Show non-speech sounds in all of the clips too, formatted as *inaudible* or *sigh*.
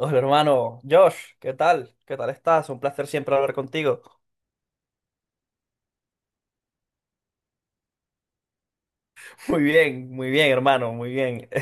Hola hermano, Josh, ¿qué tal? ¿Qué tal estás? Un placer siempre hablar contigo. Muy bien, hermano, muy bien. *laughs*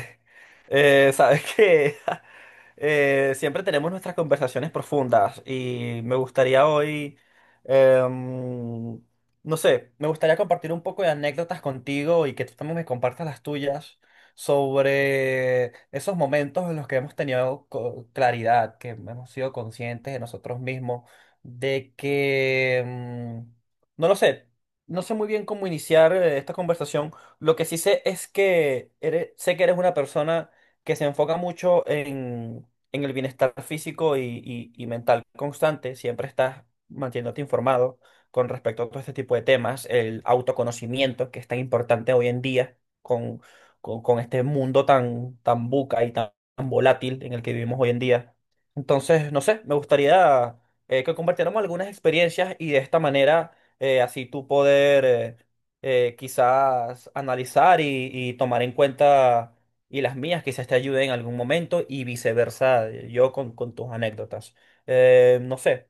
Sabes que *laughs* siempre tenemos nuestras conversaciones profundas y me gustaría hoy, em, no sé, me gustaría compartir un poco de anécdotas contigo y que tú también me compartas las tuyas sobre esos momentos en los que hemos tenido claridad, que hemos sido conscientes de nosotros mismos, de que, no lo sé. No sé muy bien cómo iniciar esta conversación. Lo que sí sé es que sé que eres una persona que se enfoca mucho en, el bienestar físico y mental constante. Siempre estás manteniéndote informado con respecto a todo este tipo de temas, el autoconocimiento, que es tan importante hoy en día con, con este mundo tan buca y tan volátil en el que vivimos hoy en día. Entonces, no sé, me gustaría que compartiéramos algunas experiencias y de esta manera así tú poder, quizás analizar y tomar en cuenta y las mías quizás te ayuden en algún momento y viceversa, yo con, tus anécdotas. No sé,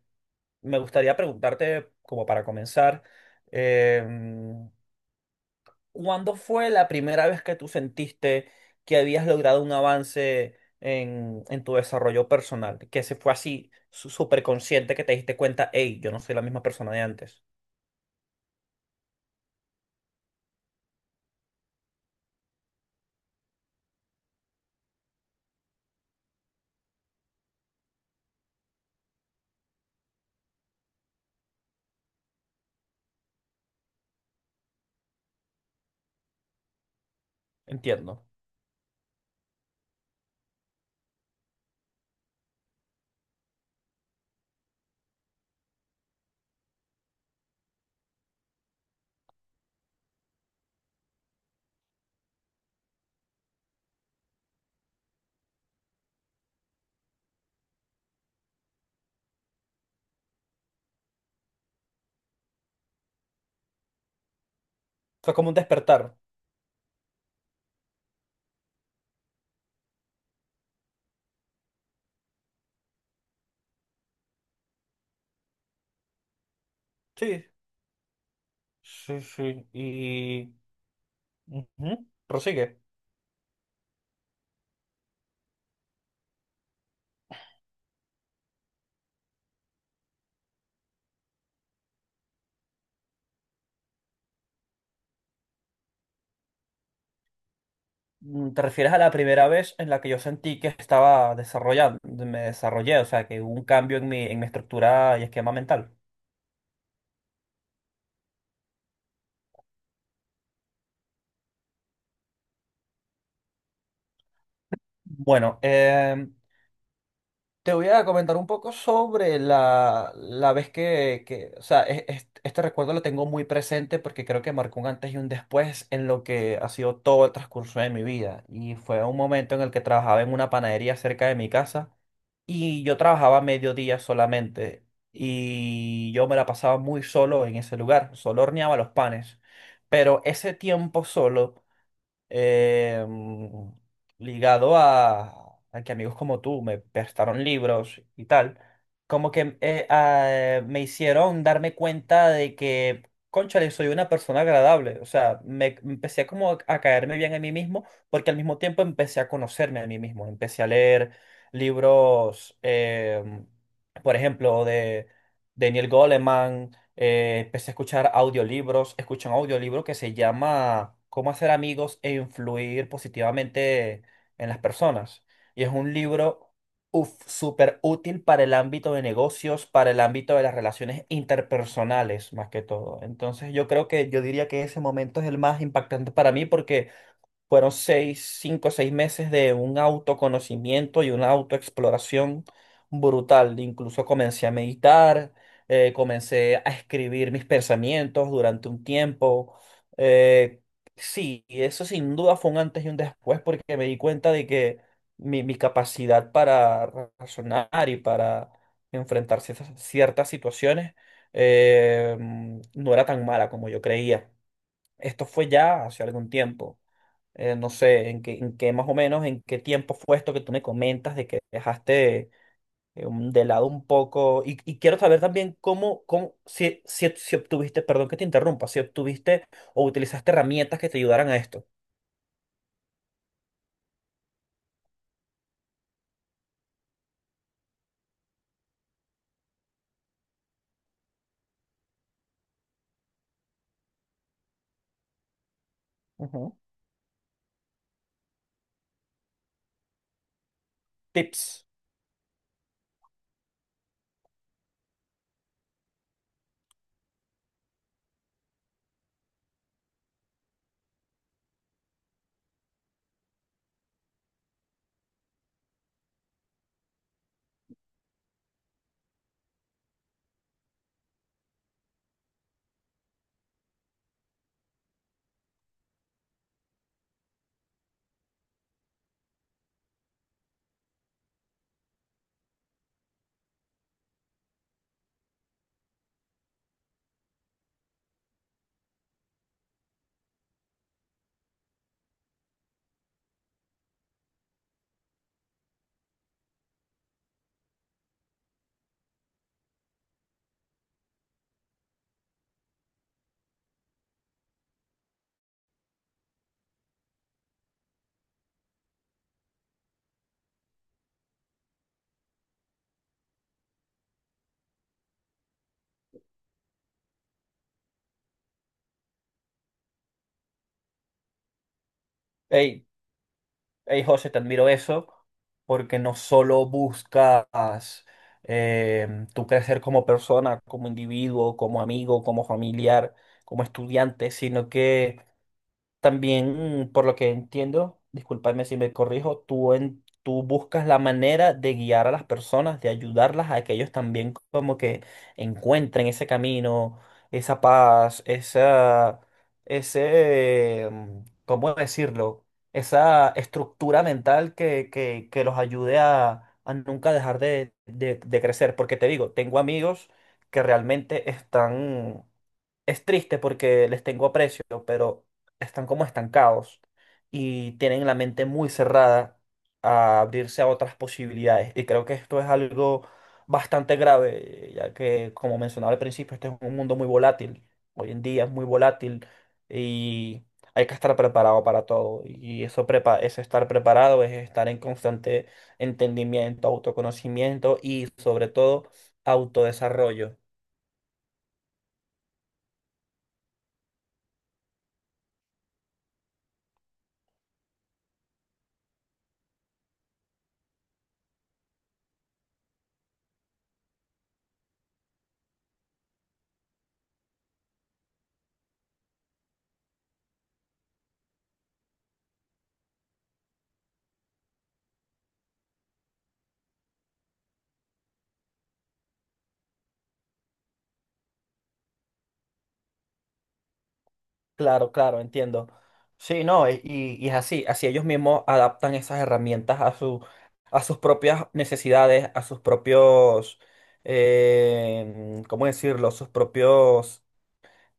me gustaría preguntarte, como para comenzar, em, ¿cuándo fue la primera vez que tú sentiste que habías logrado un avance en tu desarrollo personal? Que se fue así, súper consciente, que te diste cuenta, hey, yo no soy la misma persona de antes. Entiendo. Fue como un despertar. Sí, sí, sí. Ujú. Prosigue. ¿Te refieres a la primera vez en la que yo sentí que estaba desarrollando, me desarrollé, o sea, que hubo un cambio en mi estructura y esquema mental? Bueno, te voy a comentar un poco sobre la, vez que, o sea, este recuerdo lo tengo muy presente porque creo que marcó un antes y un después en lo que ha sido todo el transcurso de mi vida. Y fue un momento en el que trabajaba en una panadería cerca de mi casa. Y yo trabajaba mediodía solamente y yo me la pasaba muy solo en ese lugar, solo horneaba los panes. Pero ese tiempo solo eh, mm, ligado a, que amigos como tú me prestaron libros y tal, como que me hicieron darme cuenta de que, cónchale, soy una persona agradable. O sea, me empecé como a caerme bien a mí mismo, porque al mismo tiempo empecé a conocerme a mí mismo. Empecé a leer libros, por ejemplo, de Daniel Goleman. Empecé a escuchar audiolibros, escuché un audiolibro que se llama Cómo hacer amigos e influir positivamente en las personas. Y es un libro uf, súper útil para el ámbito de negocios, para el ámbito de las relaciones interpersonales, más que todo. Entonces yo creo que yo diría que ese momento es el más impactante para mí porque fueron 6, 5 o 6 meses de un autoconocimiento y una autoexploración brutal. Incluso comencé a meditar, comencé a escribir mis pensamientos durante un tiempo. Eh, sí, y eso sin duda fue un antes y un después porque me di cuenta de que mi, capacidad para razonar y para enfrentar ciertas situaciones eh, no era tan mala como yo creía. Esto fue ya hace algún tiempo no sé, en qué más o menos, en qué tiempo fue esto que tú me comentas de que dejaste de lado un poco. Y quiero saber también cómo, si obtuviste, perdón que te interrumpa, si obtuviste o utilizaste herramientas que te ayudaran a esto. Ujú. Tips. Ey, Hey, José, te admiro eso porque no solo buscas tu crecer como persona, como individuo, como amigo, como familiar, como estudiante, sino que también, por lo que entiendo, discúlpame si me corrijo, tú buscas la manera de guiar a las personas, de ayudarlas a que ellos también como que encuentren ese camino, esa paz, ese, mm, ¿cómo decirlo? Esa estructura mental que los ayude a nunca dejar de crecer. Porque te digo, tengo amigos que realmente están... Es triste porque les tengo aprecio, pero están como estancados y tienen la mente muy cerrada a abrirse a otras posibilidades. Y creo que esto es algo bastante grave, ya que, como mencionaba al principio, este es un mundo muy volátil. Hoy en día es muy volátil y hay que estar preparado para todo. Y eso prepa es estar preparado, es estar en constante entendimiento, autoconocimiento y sobre todo autodesarrollo. Claro, claro, entiendo. Sí, no, y es así ellos mismos adaptan esas herramientas a su, a sus propias necesidades, a sus propios, ¿cómo decirlo? Sus propios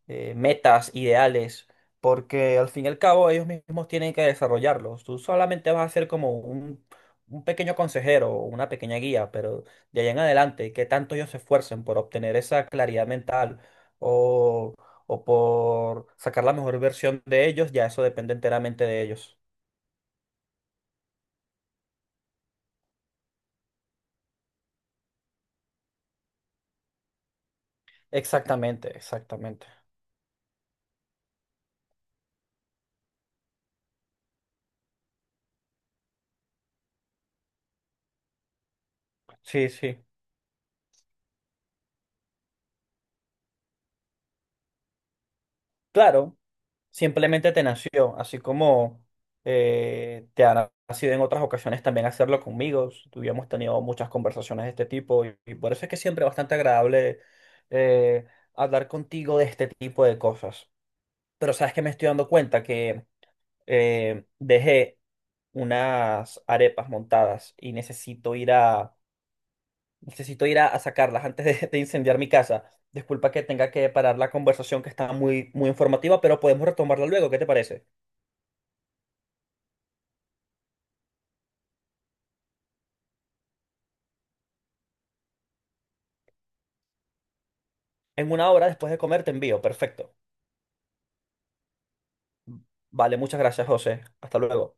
metas, ideales, porque al fin y al cabo ellos mismos tienen que desarrollarlos. Tú solamente vas a ser como un pequeño consejero o una pequeña guía, pero de ahí en adelante, que tanto ellos se esfuercen por obtener esa claridad mental o, o por sacar la mejor versión de ellos, ya eso depende enteramente de ellos. Exactamente, exactamente. Sí, sí. Claro. Simplemente te nació, así como te ha nacido en otras ocasiones también hacerlo conmigo. Tuvimos tenido muchas conversaciones de este tipo y por eso es que siempre es bastante agradable eh, hablar contigo de este tipo de cosas. Pero sabes que me estoy dando cuenta que dejé unas arepas montadas y necesito ir a sacarlas antes de incendiar mi casa. Disculpa que tenga que parar la conversación que está muy, muy informativa, pero podemos retomarla luego. ¿Qué te parece? En 1 hora después de comer te envío. Perfecto. Vale, muchas gracias, José. Hasta luego.